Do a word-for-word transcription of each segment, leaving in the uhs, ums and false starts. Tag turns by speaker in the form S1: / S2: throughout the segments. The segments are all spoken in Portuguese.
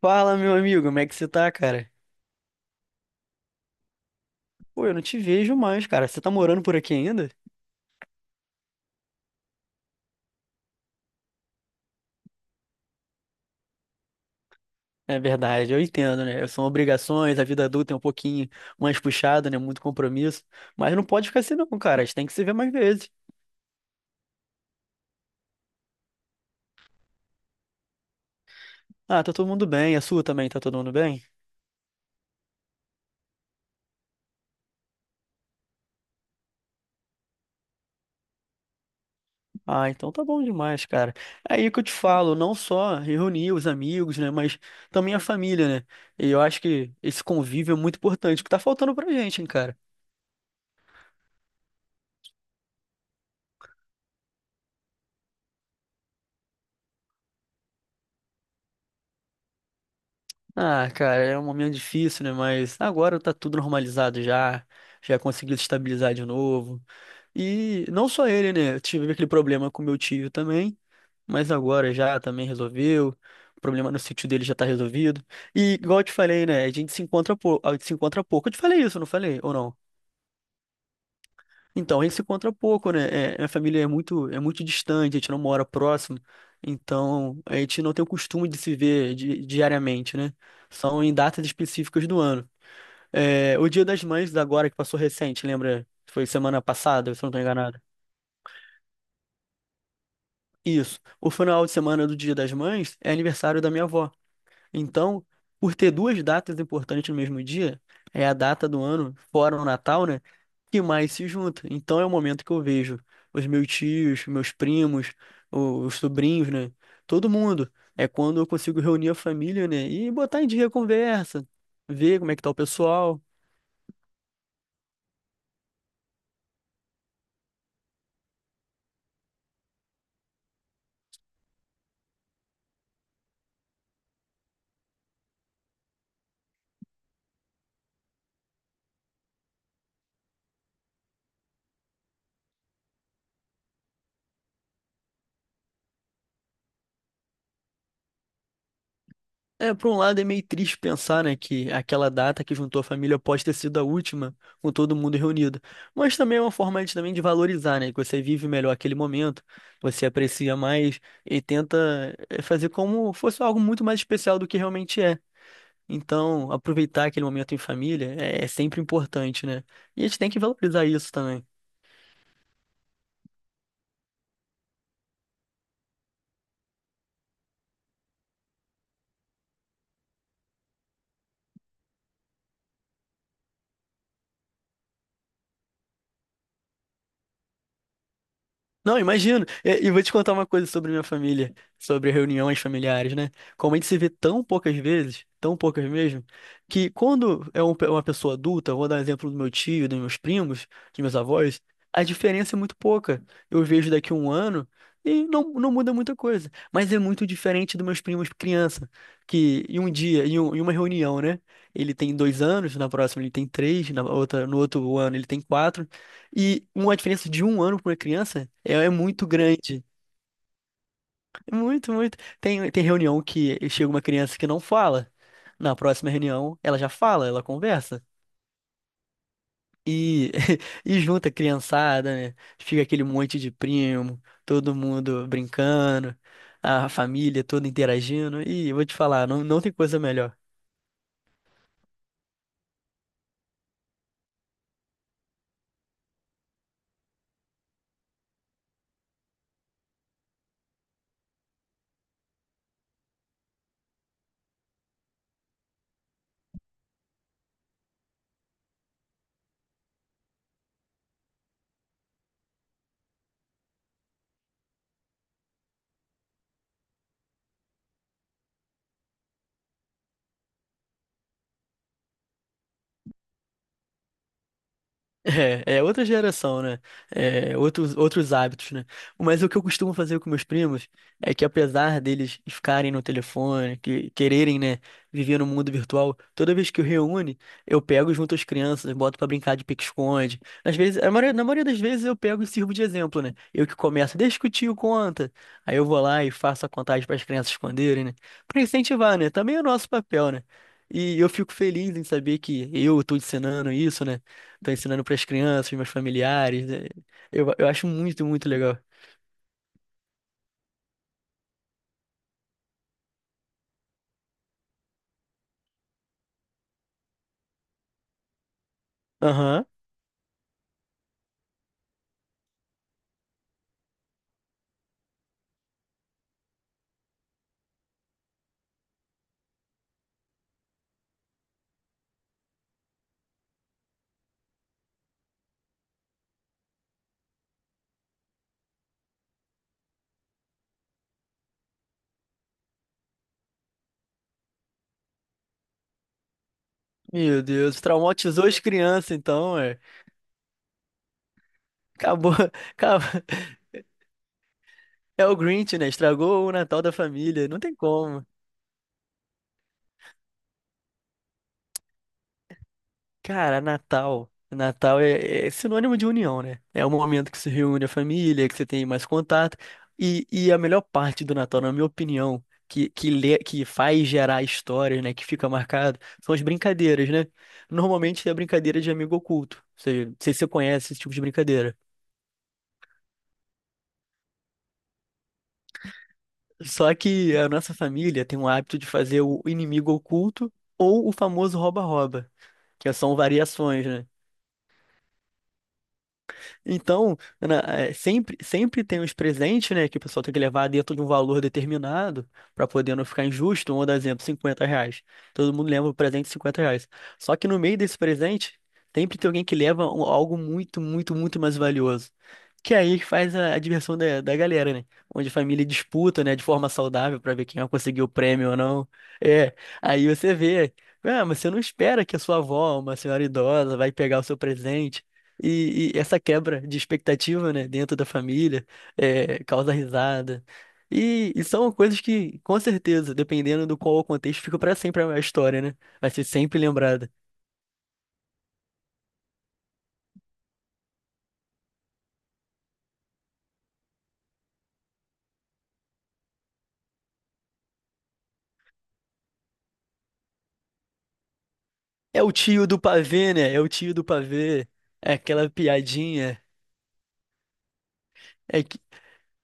S1: Fala, meu amigo, como é que você tá, cara? Pô, eu não te vejo mais, cara. Você tá morando por aqui ainda? É verdade, eu entendo, né? São obrigações, a vida adulta é um pouquinho mais puxada, né? Muito compromisso. Mas não pode ficar assim, não, cara. A gente tem que se ver mais vezes. Ah, tá todo mundo bem. A sua também, tá todo mundo bem? Ah, então tá bom demais, cara. É aí que eu te falo, não só reunir os amigos, né? Mas também a família, né? E eu acho que esse convívio é muito importante, o que tá faltando pra gente, hein, cara. Ah, cara, é um momento difícil, né? Mas agora tá tudo normalizado já. Já consegui estabilizar de novo. E não só ele, né? Eu tive aquele problema com meu tio também, mas agora já também resolveu. O problema no sítio dele já tá resolvido. E igual eu te falei, né? A gente se encontra, pou- a gente se encontra pouco. Eu te falei isso, não falei? Ou não? Então, a gente se encontra pouco, né? É, minha família é muito, é muito distante, a gente não mora próximo. Então, a gente não tem o costume de se ver di- diariamente, né? São em datas específicas do ano. É, o Dia das Mães agora que passou recente, lembra? Foi semana passada, se eu não estou enganado. Isso. O final de semana do Dia das Mães é aniversário da minha avó. Então, por ter duas datas importantes no mesmo dia, é a data do ano, fora o Natal, né? Que mais se junta. Então é o momento que eu vejo os meus tios, meus primos, o- os sobrinhos, né? Todo mundo. É quando eu consigo reunir a família, né? E botar em dia a conversa, ver como é que tá o pessoal. É, por um lado é meio triste pensar, né, que aquela data que juntou a família pode ter sido a última, com todo mundo reunido. Mas também é uma forma de, também de valorizar, né, que você vive melhor aquele momento, você aprecia mais e tenta eh, fazer como fosse algo muito mais especial do que realmente é. Então, aproveitar aquele momento em família é, é sempre importante, né? E a gente tem que valorizar isso também. Não, imagino. E, e vou te contar uma coisa sobre minha família, sobre reuniões familiares, né? Como a gente se vê tão poucas vezes, tão poucas mesmo, que quando é um pe- uma pessoa adulta, eu vou dar um exemplo do meu tio, dos meus primos, dos meus avós, a diferença é muito pouca. Eu vejo daqui a um ano e não, não muda muita coisa. Mas é muito diferente dos meus primos criança, que em um dia, em, um- em uma reunião, né? Ele tem dois anos, na próxima ele tem três, na outra, no outro ano ele tem quatro. E uma diferença de um ano para uma criança é, é muito grande. Muito, muito. Tem, tem reunião que chega uma criança que não fala. Na próxima reunião, ela já fala, ela conversa. E, e junta a criançada, né? Fica aquele monte de primo, todo mundo brincando, a família toda interagindo. E eu vou te falar, não, não tem coisa melhor. É, é, outra geração, né? É, outros, outros hábitos, né? Mas o que eu costumo fazer com meus primos é que, apesar deles ficarem no telefone, que quererem, né, viver no mundo virtual, toda vez que eu reúne, eu pego junto as crianças, boto pra brincar de pique-esconde. Às vezes, a maioria- na maioria das vezes eu pego e sirvo de exemplo, né? Eu que começo, deixa que o tio conta. Aí eu vou lá e faço a contagem para as crianças esconderem, né? Pra incentivar, né? Também é o nosso papel, né? E eu fico feliz em saber que eu tô ensinando isso, né? Tô ensinando pras crianças, meus familiares, né? Eu, eu acho muito, muito legal. Aham. Meu Deus, traumatizou as crianças, então, é. Acabou, acabou. É o Grinch, né? Estragou o Natal da família. Não tem como. Cara, Natal. Natal é, é sinônimo de união, né? É o momento que se reúne a família, que você tem mais contato. E, e a melhor parte do Natal, na minha opinião, que, que, lê, que faz gerar histórias, né? Que fica marcado, são as brincadeiras, né? Normalmente é a brincadeira de amigo oculto. Ou seja, não sei se você conhece esse tipo de brincadeira. Só que a nossa família tem o hábito de fazer o inimigo oculto ou o famoso rouba-rouba, que são variações, né? Então, na- é, sempre, sempre tem os presentes, né, que o pessoal tem que levar dentro de um valor determinado para poder não ficar injusto. Vamos dar exemplo, cinquenta reais. Todo mundo leva o presente de cinquenta reais. Só que no meio desse presente, sempre tem alguém que leva um- algo muito, muito, muito mais valioso. Que é aí que faz a, a diversão da, da galera, né? Onde a família disputa, né, de forma saudável para ver quem vai conseguir o prêmio ou não. É, aí você vê. Ah, mas você não espera que a sua avó, uma senhora idosa, vai pegar o seu presente. E, e essa quebra de expectativa, né, dentro da família, é, causa risada. E, e são coisas que, com certeza, dependendo do qual o contexto, fica para sempre a história, né? Vai ser sempre lembrada. É o tio do pavê, né? É o tio do pavê. É aquela piadinha. É, que-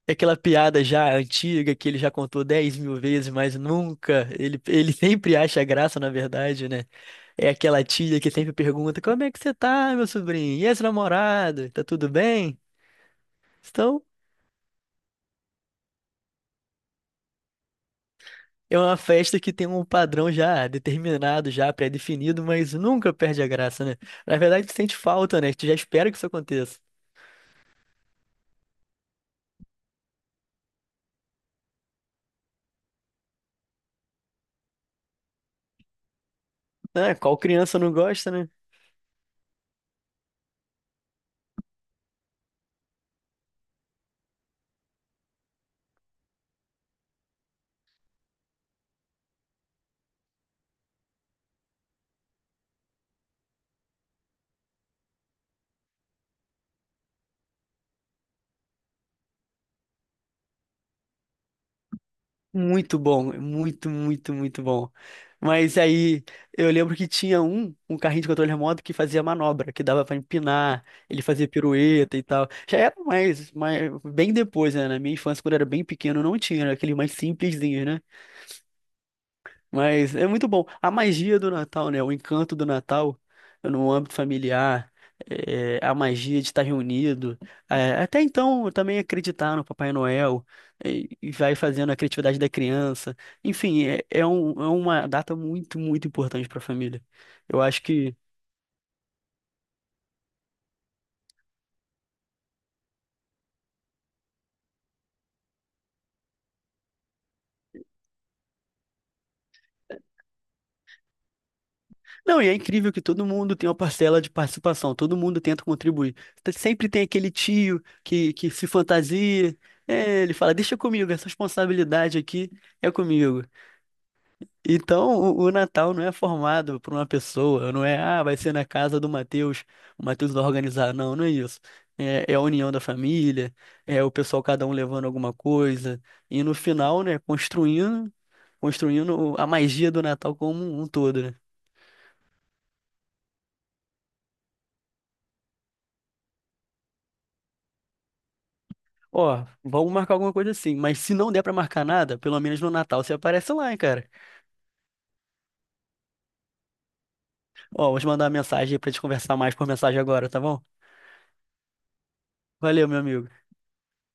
S1: é aquela piada já antiga que ele já contou dez mil vezes, mas nunca. Ele, ele sempre acha graça, na verdade, né? É aquela tia que sempre pergunta: Como é que você tá, meu sobrinho? E esse namorado? Tá tudo bem? Então, é uma festa que tem um padrão já determinado, já pré-definido, mas nunca perde a graça, né? Na verdade, tu sente falta, né? Tu já espera que isso aconteça. Ah, qual criança não gosta, né? Muito bom, muito, muito, muito bom. Mas aí eu lembro que tinha um, um carrinho de controle remoto que fazia manobra, que dava pra empinar, ele fazia pirueta e tal. Já era mais, mais bem depois, né? Na minha infância, quando eu era bem pequeno, não tinha, era aquele mais simplesinho, né? Mas é muito bom. A magia do Natal, né? O encanto do Natal no âmbito familiar, é, a magia de estar reunido. É, até então, eu também acreditar no Papai Noel e, e vai fazendo a criatividade da criança. Enfim, é, é um- é uma data muito, muito importante para a família. Eu acho que. Não, e é incrível que todo mundo tem uma parcela de participação, todo mundo tenta contribuir. Sempre tem aquele tio que, que se fantasia. é, ele fala, deixa comigo, essa responsabilidade aqui é comigo. Então, o, o Natal não é formado por uma pessoa, não é, ah, vai ser na casa do Matheus, o Matheus vai organizar. Não, não é isso. É, é a união da família, é o pessoal cada um levando alguma coisa, e no final, né, construindo, construindo o- a magia do Natal como um todo, né? Ó, vamos marcar alguma coisa assim, mas se não der pra marcar nada, pelo menos no Natal você aparece lá, hein, cara. Ó, vou te mandar uma mensagem aí pra te conversar mais por mensagem agora, tá bom? Valeu, meu amigo.